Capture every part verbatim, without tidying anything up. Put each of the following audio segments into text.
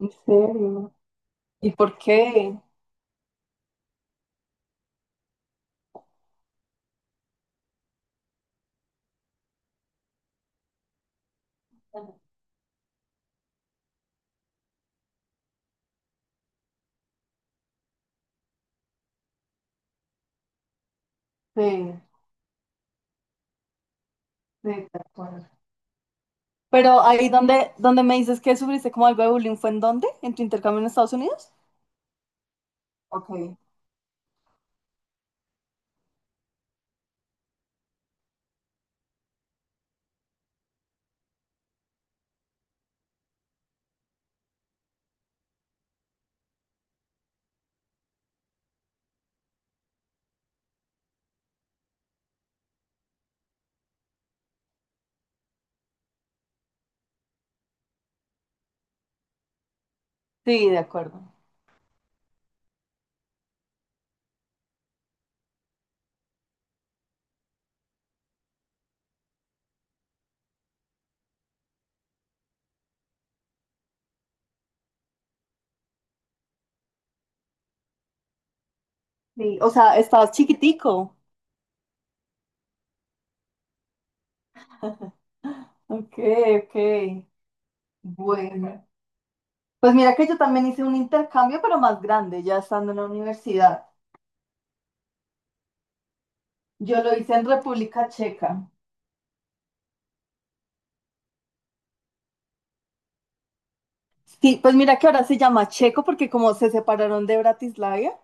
¿En serio? ¿Y por qué? Sí, sí, de acuerdo. Pero ahí donde, donde me dices que sufriste como algo de bullying, ¿fue en dónde? ¿En tu intercambio en Estados Unidos? Ok. Sí, de acuerdo. Sí, o sea, estabas chiquitico. Ok, ok. Bueno. Pues mira que yo también hice un intercambio, pero más grande, ya estando en la universidad. Yo lo hice en República Checa. Sí, pues mira que ahora se llama Checo porque como se separaron de Bratislava.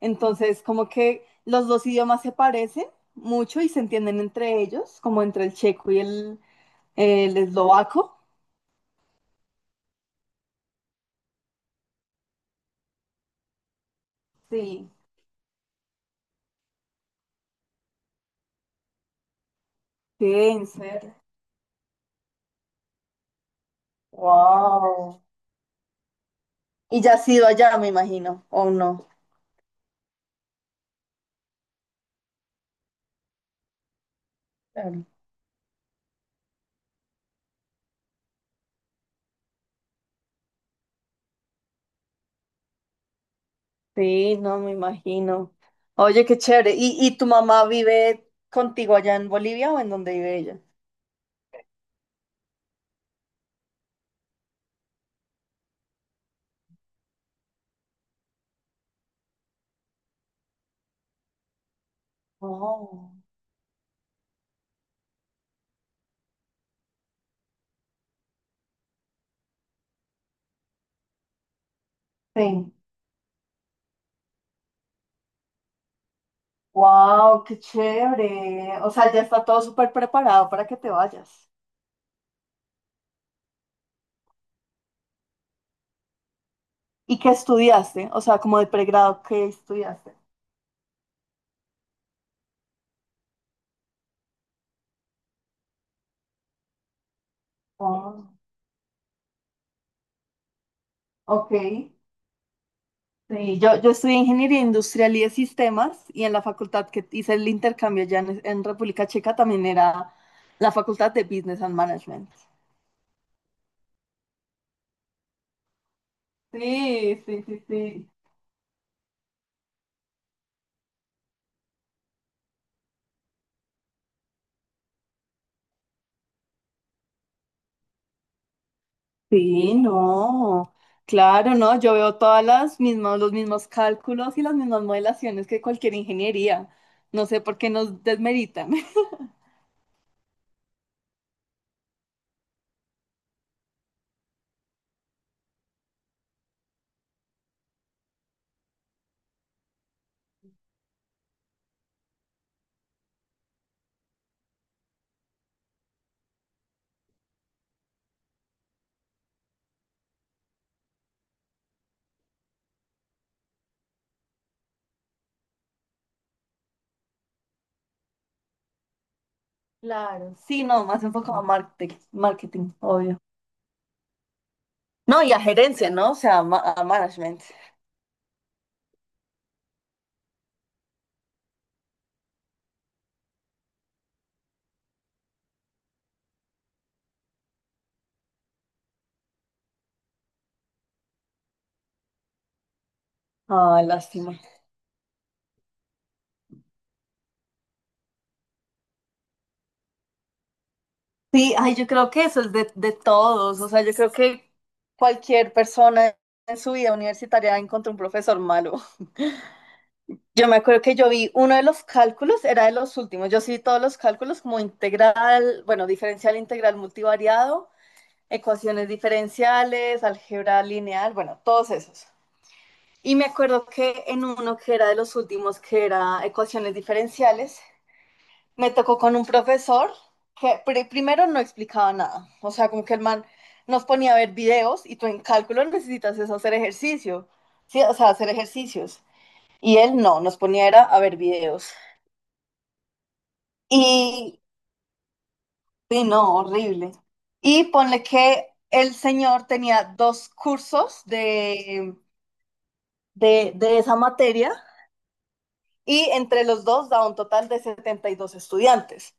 Entonces, como que los dos idiomas se parecen mucho y se entienden entre ellos, como entre el checo y el, el eslovaco. Sí, sí, en serio. Wow. Y ya has ido allá, me imagino, ¿o no? Claro. Sí, no, me imagino. Oye, qué chévere. ¿Y, y tu mamá vive contigo allá en Bolivia o en dónde vive ella? Oh, sí. Wow, qué chévere. O sea, ya está todo súper preparado para que te vayas. ¿Y qué estudiaste? O sea, como de pregrado, ¿qué estudiaste? Oh, ok. Sí, yo, yo estudié ingeniería industrial y de sistemas, y en la facultad que hice el intercambio ya en, en República Checa también era la facultad de Business and Management. Sí, sí, sí, sí. Sí, no. Claro, no. Yo veo todas las mismas, los mismos cálculos y las mismas modelaciones que cualquier ingeniería. No sé por qué nos desmeritan. Claro, sí, no, más enfocado a marketing, marketing, obvio. No, y a gerencia, ¿no? O sea, a, ma- a management. Ah, lástima. Sí, ay, yo creo que eso es de, de todos. O sea, yo creo que cualquier persona en su vida universitaria encontró un profesor malo. Yo me acuerdo que yo vi uno de los cálculos, era de los últimos. Yo sí vi todos los cálculos como integral, bueno, diferencial, integral, multivariado, ecuaciones diferenciales, álgebra lineal, bueno, todos esos. Y me acuerdo que en uno que era de los últimos, que era ecuaciones diferenciales, me tocó con un profesor que pri- primero no explicaba nada. O sea, como que el man nos ponía a ver videos y tú en cálculo necesitas es hacer ejercicio. Sí, o sea, hacer ejercicios. Y él no, nos ponía era a ver videos. Y, y no, horrible. Y ponle que el señor tenía dos cursos de, de, de esa materia, y entre los dos da un total de setenta y dos estudiantes.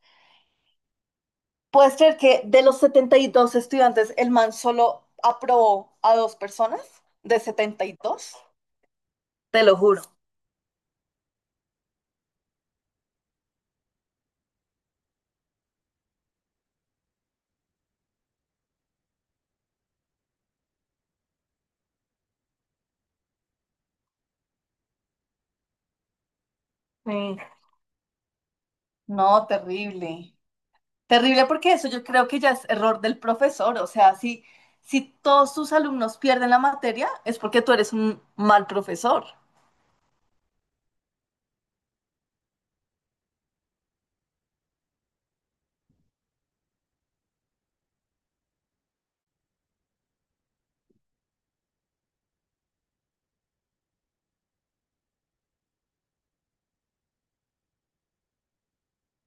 ¿Puedes creer que de los setenta y dos estudiantes, el man solo aprobó a dos personas de setenta y dos? Te lo juro. Sí. No, terrible. Terrible, porque eso yo creo que ya es error del profesor. O sea, si, si todos tus alumnos pierden la materia, es porque tú eres un mal profesor.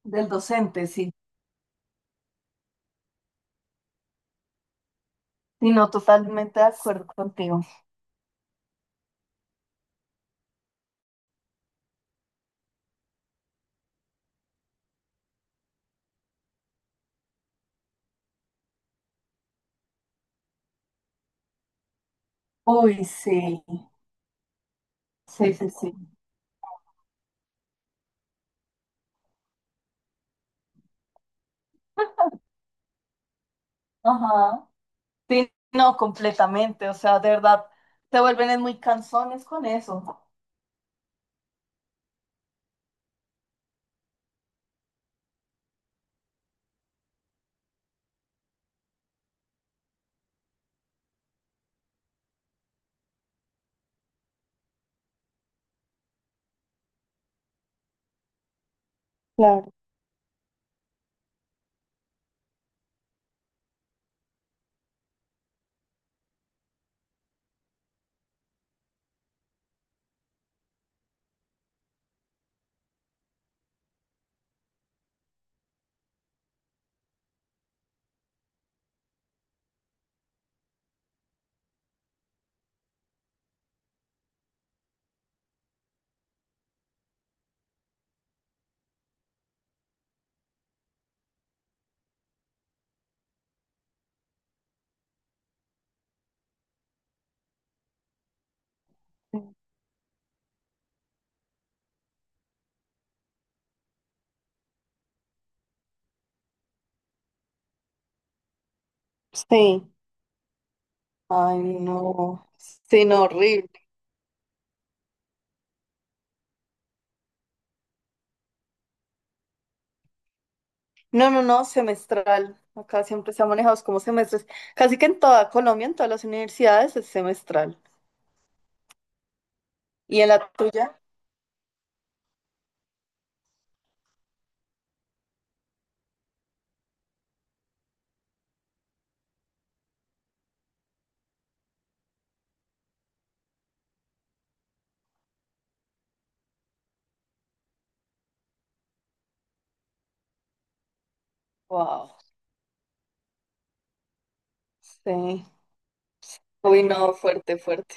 Del docente, sí. Sí, no, totalmente de acuerdo contigo. Uy, sí, sí, sí, sí. Ajá. Sí, no, completamente. O sea, de verdad, te vuelven muy cansones con eso. Claro. Sí. Ay, no. Sí, no, horrible. No, no, no, semestral. Acá siempre se ha manejado es como semestres. Casi que en toda Colombia, en todas las universidades, es semestral. ¿Y en la tuya? Wow. Sí. Uy, no, fuerte, fuerte.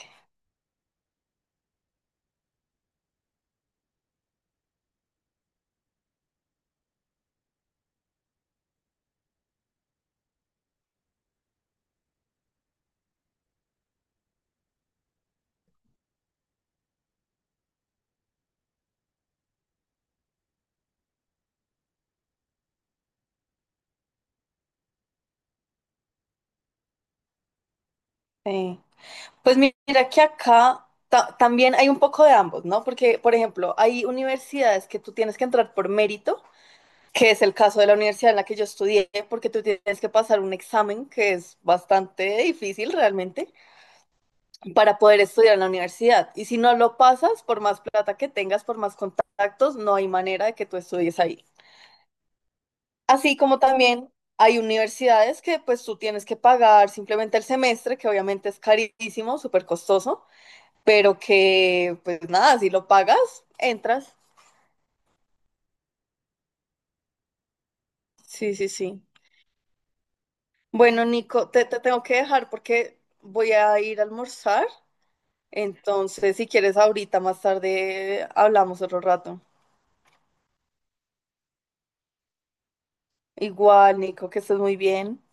Sí. Pues mi- mira que acá ta- también hay un poco de ambos, ¿no? Porque, por ejemplo, hay universidades que tú tienes que entrar por mérito, que es el caso de la universidad en la que yo estudié, porque tú tienes que pasar un examen que es bastante difícil realmente para poder estudiar en la universidad. Y si no lo pasas, por más plata que tengas, por más contactos, no hay manera de que tú estudies ahí. Así como también hay universidades que pues tú tienes que pagar simplemente el semestre, que obviamente es carísimo, súper costoso, pero que pues nada, si lo pagas, entras. Sí, sí, sí. Bueno, Nico, te, te tengo que dejar porque voy a ir a almorzar. Entonces, si quieres, ahorita más tarde hablamos otro rato. Igual, Nico, que estés muy bien.